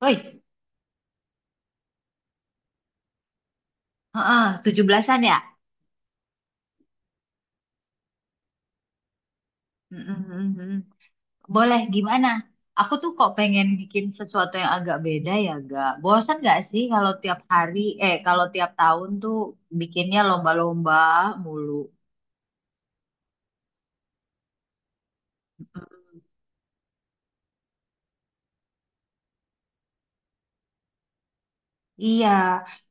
Oi, heeh, 17-an ya? Mm-mm, mm-mm. Boleh, gimana? Aku tuh kok pengen bikin sesuatu yang agak beda ya, gak? Bosan gak sih kalau tiap hari, eh kalau tiap tahun tuh bikinnya lomba-lomba mulu? Iya,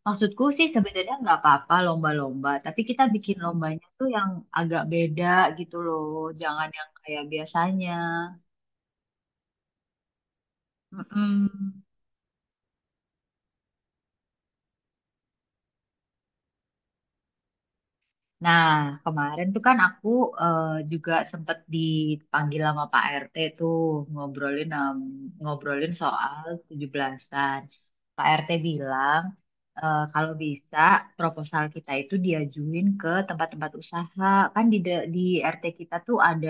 maksudku sih sebenarnya nggak apa-apa lomba-lomba, tapi kita bikin lombanya tuh yang agak beda gitu loh, jangan yang kayak biasanya. Mm-mm. Nah, kemarin tuh kan aku eh, juga sempet dipanggil sama Pak RT tuh ngobrolin ngobrolin soal 17-an. Pak RT bilang kalau bisa proposal kita itu diajuin ke tempat-tempat usaha. Kan di RT kita tuh ada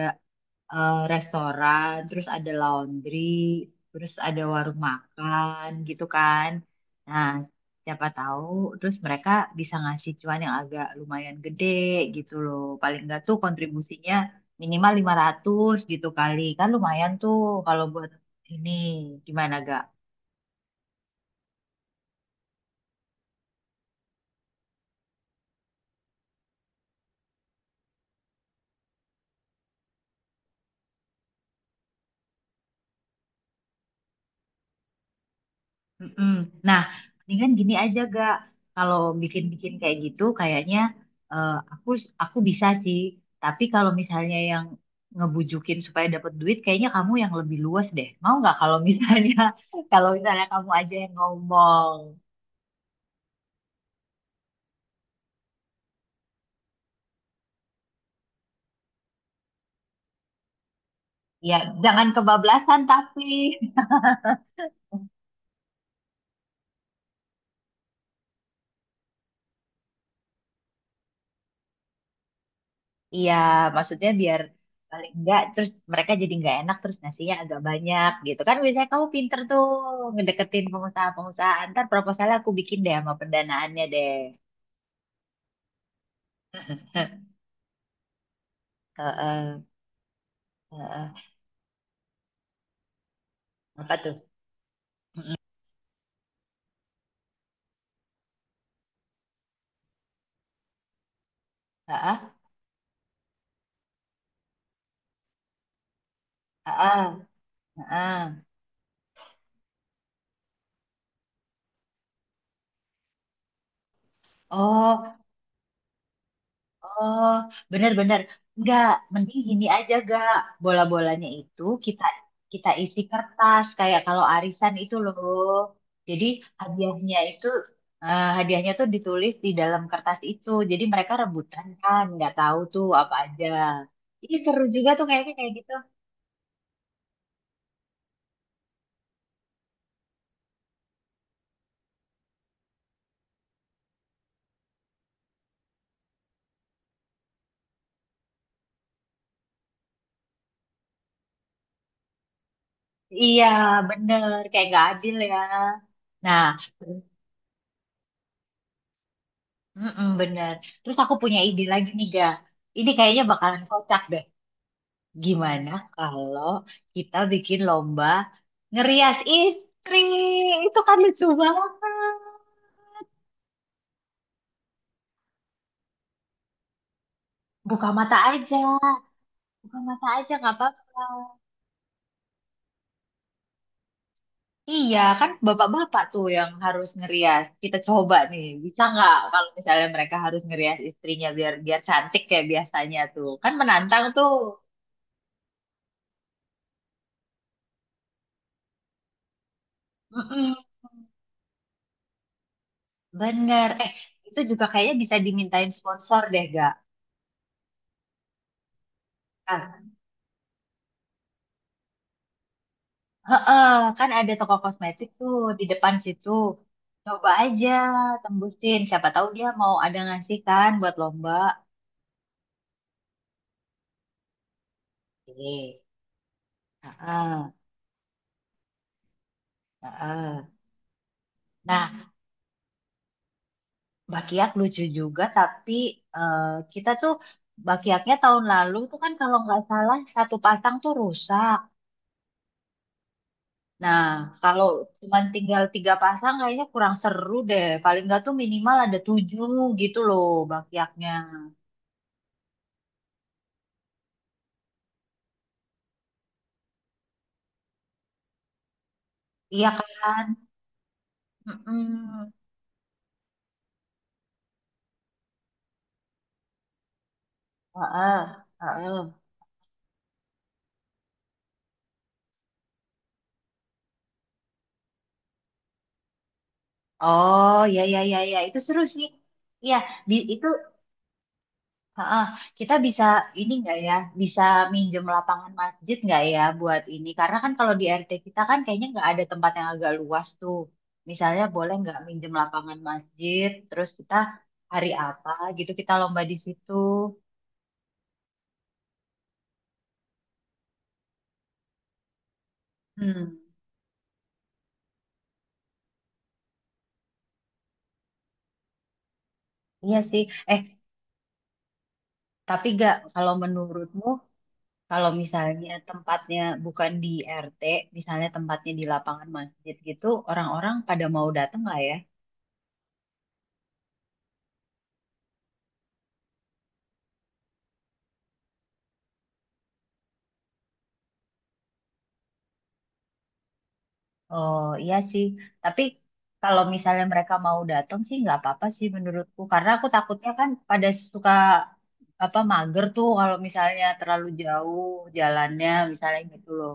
restoran, terus ada laundry, terus ada warung makan gitu kan. Nah, siapa tahu terus mereka bisa ngasih cuan yang agak lumayan gede gitu loh. Paling enggak tuh kontribusinya minimal 500 gitu kali. Kan lumayan tuh kalau buat ini, gimana ga? Mm-mm. Nah, mendingan gini aja gak, kalau bikin-bikin kayak gitu, kayaknya eh, aku aku bisa sih. Tapi kalau misalnya yang ngebujukin supaya dapat duit, kayaknya kamu yang lebih luas deh. Mau nggak kalau misalnya kalau misalnya kamu aja yang ngomong, ya jangan kebablasan tapi. Iya, maksudnya biar paling enggak terus mereka jadi nggak enak terus nasinya agak banyak gitu kan, biasanya kamu pinter tuh ngedeketin pengusaha-pengusaha, ntar proposalnya aku bikin deh sama pendanaannya deh. Heeh, heeh. Apa tuh? Heeh, heeh, heeh. Oh. Oh, bener-bener. Enggak, mending gini aja gak. Bola-bolanya itu kita kita isi kertas kayak kalau arisan itu loh. Jadi hadiahnya itu, hadiahnya tuh ditulis di dalam kertas itu. Jadi mereka rebutan kan, nggak tahu tuh apa aja. Ini seru juga tuh kayaknya kayak gitu. Iya, bener. Kayak nggak adil ya. Nah, mm bener. Terus aku punya ide lagi nih, Ga. Ini kayaknya bakalan kocak. Gimana kalau kita bikin lomba ngerias istri? Itu kan lucu banget. Buka mata aja, buka mata aja nggak apa-apa. Iya, kan bapak-bapak tuh yang harus ngerias. Kita coba nih, bisa nggak kalau misalnya mereka harus ngerias istrinya biar biar cantik kayak biasanya tuh. Kan menantang tuh. Mm-mm, bener. Eh, itu juga kayaknya bisa dimintain sponsor deh, gak? Heeh, kan ada toko kosmetik tuh di depan situ. Coba aja tembusin. Siapa tahu dia mau ada ngasih kan buat lomba. Oke. Heeh, heeh. Nah, bakiak lucu juga tapi, eh, kita tuh bakiaknya tahun lalu tuh kan kalau nggak salah satu pasang tuh rusak. Nah, kalau cuma tinggal 3 pasang kayaknya kurang seru deh. Paling nggak tuh minimal ada 7 gitu loh bakiaknya. Iya kan? Mm-mm. Heeh, heeh. Oh, ya, ya, ya, ya, itu seru sih. Iya, di itu heeh. Kita bisa ini nggak ya? Bisa minjem lapangan masjid nggak ya buat ini? Karena kan kalau di RT kita kan kayaknya nggak ada tempat yang agak luas tuh. Misalnya boleh nggak minjem lapangan masjid? Terus kita hari apa gitu kita lomba di situ. Hmm, iya sih. Eh, tapi gak kalau menurutmu, kalau misalnya tempatnya bukan di RT, misalnya tempatnya di lapangan masjid gitu, orang-orang pada mau datang nggak ya? Oh iya sih, tapi kalau misalnya mereka mau datang sih nggak apa-apa sih menurutku, karena aku takutnya kan pada suka apa mager tuh kalau misalnya terlalu jauh jalannya misalnya gitu loh.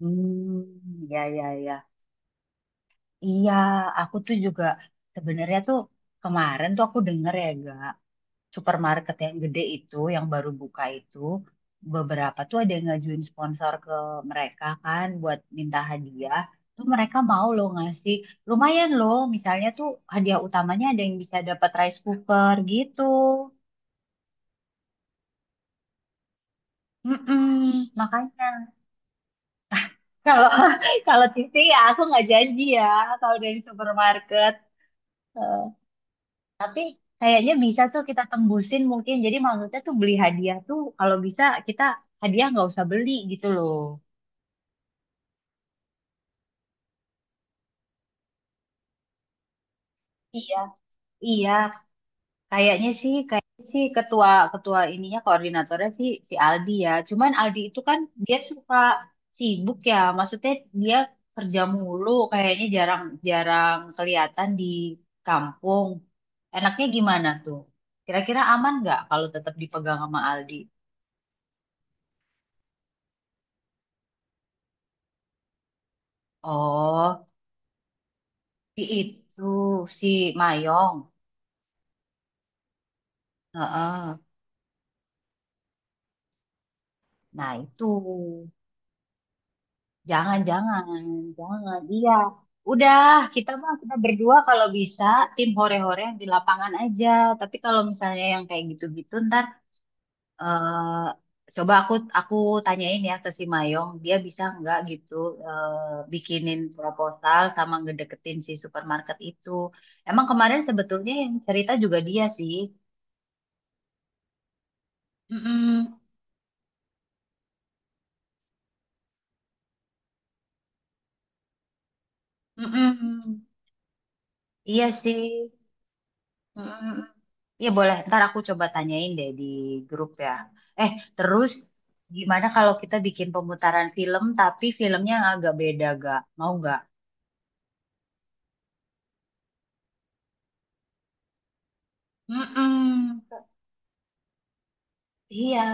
Hmm, ya ya ya. Iya, aku tuh juga sebenarnya tuh kemarin tuh aku denger ya, Ga. Supermarket yang gede itu, yang baru buka itu, beberapa tuh ada yang ngajuin sponsor ke mereka kan buat minta hadiah. Tuh mereka mau loh ngasih. Lumayan loh, misalnya tuh hadiah utamanya ada yang bisa dapat rice cooker gitu. Mm-mm, makanya kalau kalau TV ya aku nggak janji ya kalau dari supermarket. Eh, tapi kayaknya bisa tuh kita tembusin mungkin. Jadi maksudnya tuh beli hadiah tuh kalau bisa kita hadiah nggak usah beli gitu loh. Iya, iya. Kayaknya sih ketua ketua ininya koordinatornya sih si Aldi ya. Cuman Aldi itu kan dia suka sibuk ya. Maksudnya dia kerja mulu, kayaknya jarang-jarang kelihatan di kampung. Enaknya gimana tuh? Kira-kira aman nggak kalau tetap dipegang sama Aldi? Oh, si itu, si Mayong. Heeh. Nah itu. Jangan, jangan, jangan. Iya, udah kita mah kita berdua kalau bisa tim hore-hore yang di lapangan aja. Tapi kalau misalnya yang kayak gitu-gitu ntar, eh, coba aku tanyain ya ke si Mayong, dia bisa nggak gitu, eh, bikinin proposal sama ngedeketin si supermarket itu. Emang kemarin sebetulnya yang cerita juga dia sih. Mm-mm, mm-mm. Iya sih. Mm-mm. Iya boleh, ntar aku coba tanyain deh di grup ya. Eh, terus gimana kalau kita bikin pemutaran film tapi filmnya yang agak beda gak? Mau gak? Mm-mm. Iya,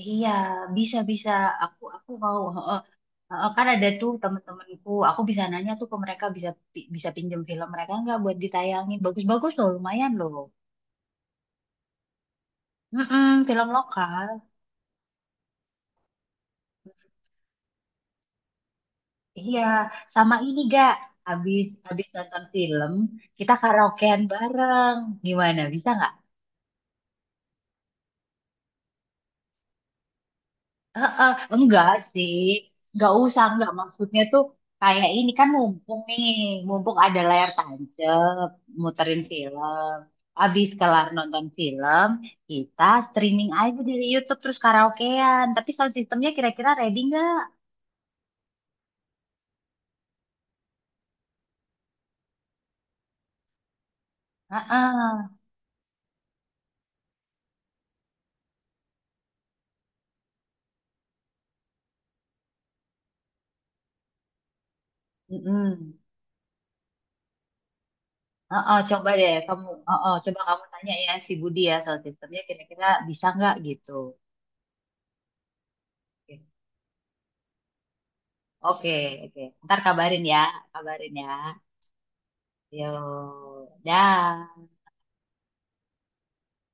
iya, bisa bisa. Aku mau. Heeh, heeh. Kan ada tuh temen-temenku. Aku bisa nanya tuh ke mereka bisa bisa pinjem film mereka nggak buat ditayangin. Bagus-bagus loh, lumayan loh. Mm-mm, film lokal. Iya, sama ini gak. Habis Habis nonton film, kita karaokean bareng. Gimana? Bisa nggak? Eh, eh, enggak sih. Enggak usah, enggak. Maksudnya tuh kayak ini kan mumpung nih, mumpung ada layar tancap, muterin film. Habis kelar nonton film, kita streaming aja dari YouTube terus karaokean. Tapi sound sistemnya kira-kira ready nggak? Heeh. Mm-mm. Heeh, coba deh kamu, heeh, coba kamu tanya ya si Budi ya soal sistemnya kira-kira bisa nggak gitu. Oke, oke, oke. Ntar kabarin ya, kabarin ya. Yo, dah.